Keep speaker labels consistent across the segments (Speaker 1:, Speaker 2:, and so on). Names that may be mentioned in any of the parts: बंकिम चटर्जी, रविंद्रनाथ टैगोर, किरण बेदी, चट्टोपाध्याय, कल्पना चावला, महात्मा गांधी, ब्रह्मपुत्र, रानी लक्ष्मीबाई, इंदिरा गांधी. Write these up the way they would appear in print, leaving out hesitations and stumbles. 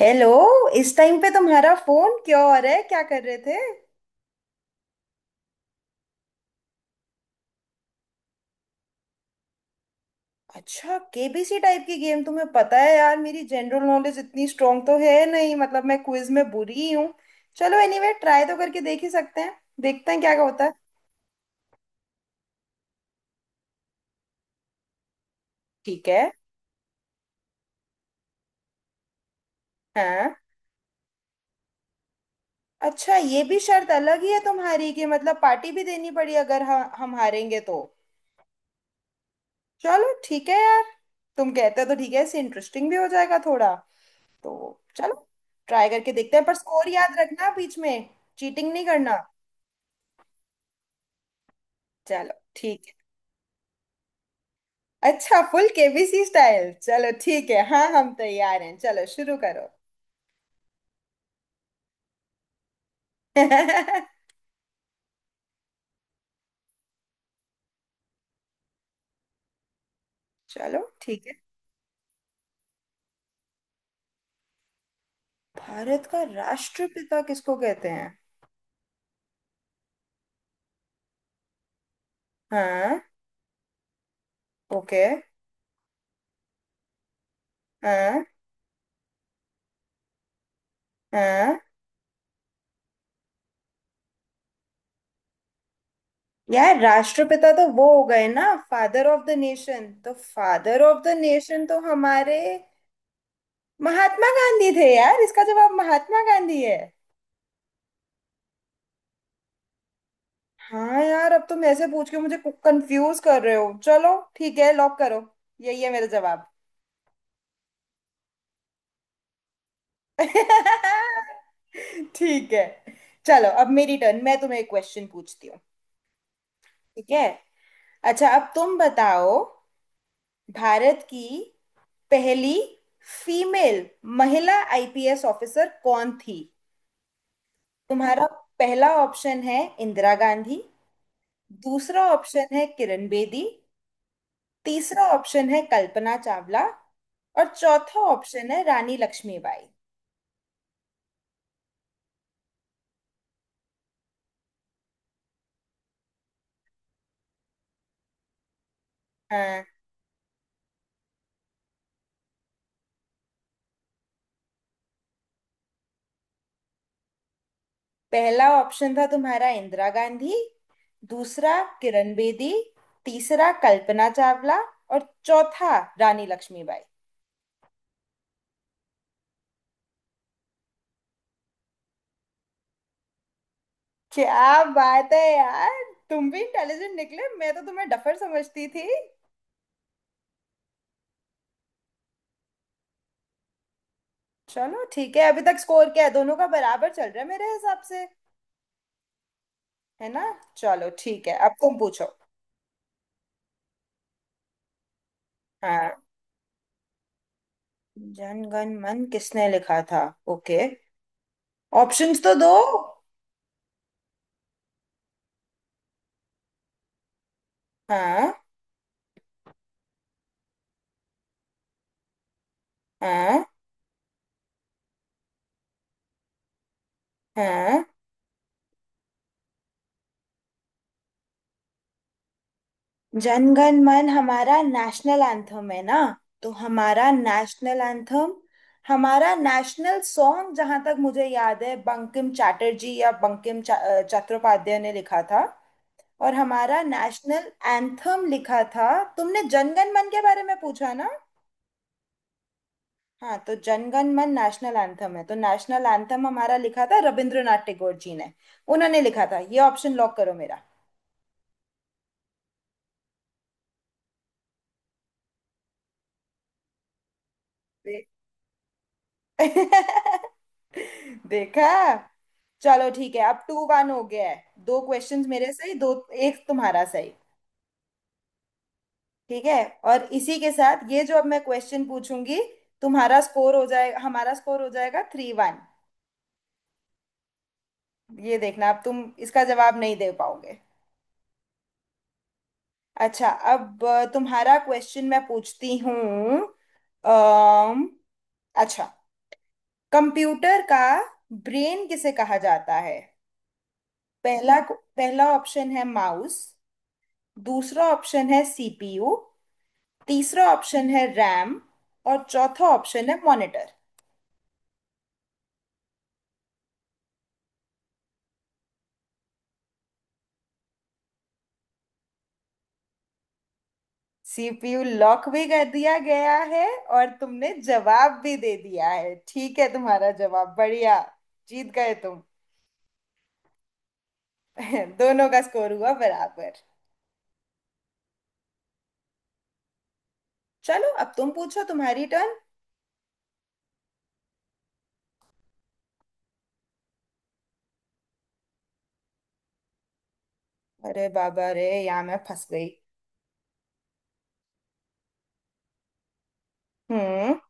Speaker 1: Hello. इस time पे तुम्हारा फोन क्यों आ रहा है, क्या कर रहे थे? अच्छा, केबीसी टाइप की गेम। तुम्हें पता है यार, मेरी जनरल नॉलेज इतनी स्ट्रांग तो है नहीं, मतलब मैं क्विज में बुरी ही हूँ। चलो एनीवे ट्राई तो करके देख ही सकते हैं, देखते हैं क्या होता है। ठीक है। हाँ। अच्छा, ये भी शर्त अलग ही है तुम्हारी कि मतलब पार्टी भी देनी पड़ी अगर हम हारेंगे तो। चलो ठीक है यार, तुम कहते हो तो ठीक है, इससे इंटरेस्टिंग भी हो जाएगा थोड़ा। तो चलो ट्राई करके देखते हैं, पर स्कोर याद रखना बीच में, चीटिंग नहीं करना। चलो ठीक है। अच्छा फुल केबीसी स्टाइल, चलो ठीक है, हाँ हम तैयार हैं, चलो शुरू करो। चलो ठीक है। भारत का राष्ट्रपिता किसको कहते हैं? हाँ। ओके। हाँ। हाँ। यार, राष्ट्रपिता तो वो हो गए ना, फादर ऑफ द नेशन। तो फादर ऑफ द नेशन तो हमारे महात्मा गांधी थे यार। इसका जवाब महात्मा गांधी है। हाँ यार, अब तुम ऐसे पूछ के मुझे कंफ्यूज कर रहे हो। चलो ठीक है, लॉक करो, यही है मेरा जवाब। ठीक है, चलो अब मेरी टर्न, मैं तुम्हें एक क्वेश्चन पूछती हूँ। ठीक है। अच्छा, अब तुम बताओ, भारत की पहली फीमेल महिला आईपीएस ऑफिसर कौन थी? तुम्हारा पहला ऑप्शन है इंदिरा गांधी, दूसरा ऑप्शन है किरण बेदी, तीसरा ऑप्शन है कल्पना चावला, और चौथा ऑप्शन है रानी लक्ष्मीबाई। हाँ, पहला ऑप्शन था तुम्हारा इंदिरा गांधी, दूसरा किरण बेदी, तीसरा कल्पना चावला, और चौथा रानी लक्ष्मीबाई। क्या बात है यार, तुम भी इंटेलिजेंट निकले, मैं तो तुम्हें डफर समझती थी। चलो ठीक है, अभी तक स्कोर क्या है, दोनों का बराबर चल रहा है मेरे हिसाब से, है ना? चलो ठीक है, अब तुम पूछो। हाँ। जन गण मन किसने लिखा था? ओके, ऑप्शंस तो दो। हाँ। हाँ। हाँ। जनगण मन हमारा नेशनल एंथम है ना, तो हमारा नेशनल एंथम, हमारा नेशनल सॉन्ग जहां तक मुझे याद है बंकिम चटर्जी या चट्टोपाध्याय ने लिखा था। और हमारा नेशनल एंथम लिखा था, तुमने जनगण मन के बारे में पूछा ना? हाँ, तो जनगण मन नेशनल एंथम है, तो नेशनल एंथम हमारा लिखा था रविंद्रनाथ टैगोर जी ने, उन्होंने लिखा था। ये ऑप्शन लॉक करो मेरा। देखा, चलो ठीक है, अब टू वन हो गया है। दो क्वेश्चंस मेरे सही, दो। एक तुम्हारा सही। ठीक है। और इसी के साथ ये जो अब मैं क्वेश्चन पूछूंगी, तुम्हारा स्कोर हो जाएगा, हमारा स्कोर हो जाएगा थ्री वन। ये देखना, अब तुम इसका जवाब नहीं दे पाओगे। अच्छा, अब तुम्हारा क्वेश्चन मैं पूछती हूँ। अम, अच्छा, कंप्यूटर का ब्रेन किसे कहा जाता है? पहला पहला ऑप्शन है माउस, दूसरा ऑप्शन है सीपीयू, तीसरा ऑप्शन है रैम, और चौथा ऑप्शन है मॉनिटर। सीपीयू लॉक भी कर दिया गया है और तुमने जवाब भी दे दिया है, ठीक है तुम्हारा जवाब, बढ़िया, जीत गए तुम। दोनों का स्कोर हुआ बराबर। चलो अब तुम पूछो, तुम्हारी टर्न। अरे बाबा रे, यहाँ मैं फंस गई। हम्म।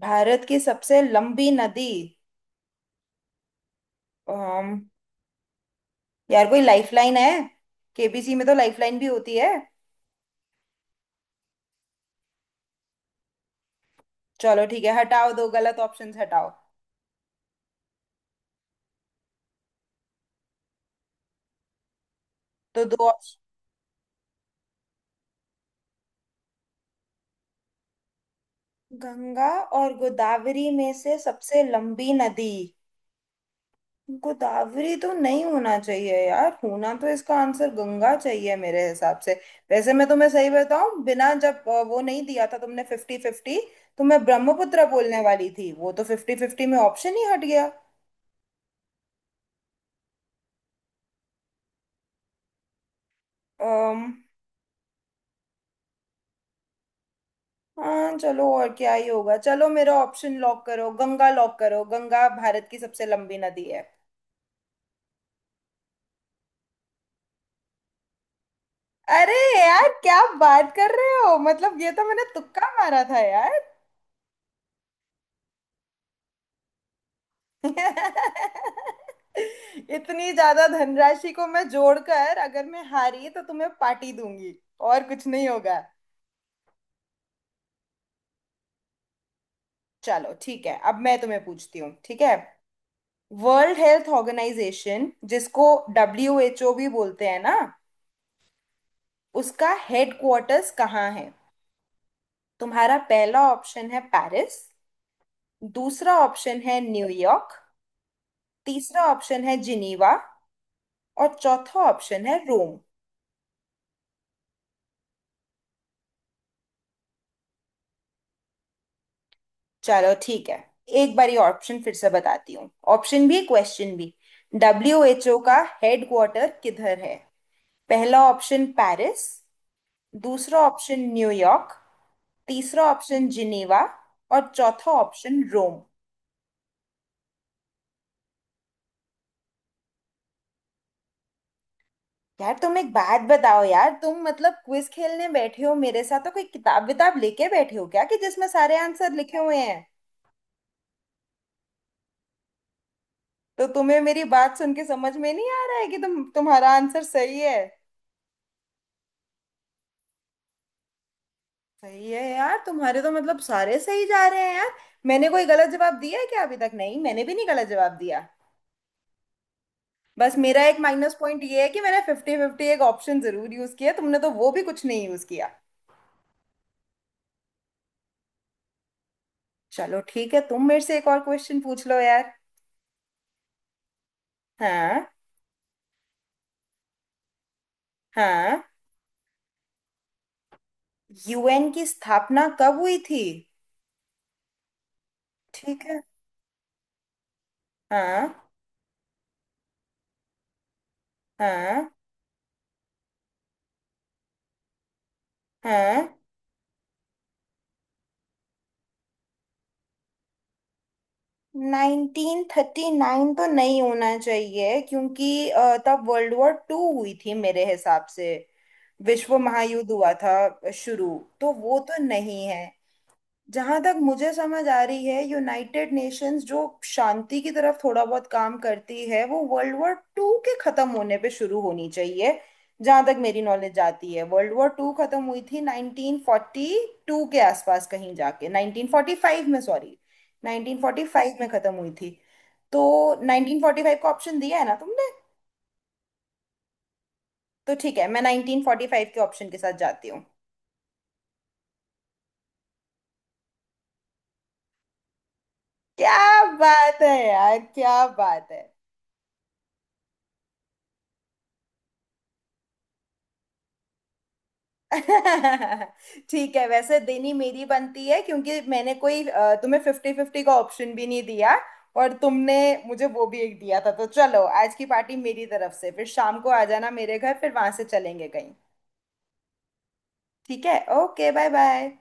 Speaker 1: भारत की सबसे लंबी नदी। अम, यार, कोई लाइफलाइन है? केबीसी में तो लाइफलाइन भी होती है। चलो ठीक है, हटाओ, दो गलत ऑप्शंस हटाओ। तो दो ऑप्शन, गंगा और गोदावरी में से सबसे लंबी नदी, गोदावरी तो नहीं होना चाहिए यार, होना तो इसका आंसर गंगा चाहिए मेरे हिसाब से। वैसे मैं तुम्हें सही बताऊं, बिना जब वो नहीं दिया था तुमने फिफ्टी फिफ्टी, तो मैं ब्रह्मपुत्र बोलने वाली थी, वो तो फिफ्टी फिफ्टी में ऑप्शन ही हट गया। अम्म हाँ चलो, और क्या ही होगा, चलो मेरा ऑप्शन लॉक करो, गंगा लॉक करो, गंगा भारत की सबसे लंबी नदी है। अरे यार, क्या बात कर रहे हो, मतलब ये तो मैंने तुक्का मारा था यार। इतनी ज्यादा धनराशि को मैं जोड़कर अगर मैं हारी तो तुम्हें पार्टी दूंगी, और कुछ नहीं होगा। चलो ठीक है, अब मैं तुम्हें पूछती हूँ, ठीक है। वर्ल्ड हेल्थ ऑर्गेनाइजेशन जिसको डब्ल्यू एच ओ भी बोलते हैं ना, उसका हेडक्वार्टर्स कहाँ है? तुम्हारा पहला ऑप्शन है पेरिस, दूसरा ऑप्शन है न्यूयॉर्क, तीसरा ऑप्शन है जिनीवा, और चौथा ऑप्शन है रोम। चलो ठीक है, एक बारी ऑप्शन फिर से बताती हूँ, ऑप्शन भी क्वेश्चन भी। डब्ल्यू एच ओ का हेडक्वार्टर किधर है? पहला ऑप्शन पेरिस, दूसरा ऑप्शन न्यूयॉर्क, तीसरा ऑप्शन जिनेवा, और चौथा ऑप्शन रोम। यार तुम एक बात बताओ यार, तुम मतलब क्विज खेलने बैठे हो मेरे साथ तो कोई किताब विताब लेके बैठे हो क्या, कि जिसमें सारे आंसर लिखे हुए हैं? तो तुम्हें मेरी बात सुन के समझ में नहीं आ रहा है कि तुम्हारा आंसर सही है। सही है यार, तुम्हारे तो मतलब सारे सही जा रहे हैं यार। मैंने कोई गलत जवाब दिया है क्या अभी तक? नहीं, मैंने भी नहीं गलत जवाब दिया। बस मेरा एक माइनस पॉइंट ये है कि मैंने फिफ्टी फिफ्टी एक ऑप्शन जरूर यूज किया, तुमने तो वो भी कुछ नहीं यूज किया। चलो ठीक है, तुम मेरे से एक और क्वेश्चन पूछ लो यार। हाँ। हाँ। यूएन की स्थापना कब हुई थी? ठीक है। हाँ। हाँ। हाँ। 1939 तो नहीं होना चाहिए क्योंकि तब वर्ल्ड वॉर टू हुई थी मेरे हिसाब से, विश्व महायुद्ध हुआ था शुरू, तो वो तो नहीं है। जहां तक मुझे समझ आ रही है, यूनाइटेड नेशंस जो शांति की तरफ थोड़ा बहुत काम करती है, वो वर्ल्ड वॉर टू के खत्म होने पे शुरू होनी चाहिए। जहां तक मेरी नॉलेज जाती है, वर्ल्ड वॉर टू खत्म हुई थी 1942 के आसपास कहीं जाके, 1945 में, सॉरी, 1945 में खत्म हुई थी। तो 1945 का ऑप्शन दिया है ना तुमने? तो ठीक है, मैं 1945 के ऑप्शन के साथ जाती हूँ। क्या बात है यार, क्या बात है। ठीक है, वैसे देनी मेरी बनती है क्योंकि मैंने कोई तुम्हें फिफ्टी फिफ्टी का ऑप्शन भी नहीं दिया, और तुमने मुझे वो भी एक दिया था। तो चलो आज की पार्टी मेरी तरफ से, फिर शाम को आ जाना मेरे घर, फिर वहां से चलेंगे कहीं। ठीक है, ओके बाय बाय।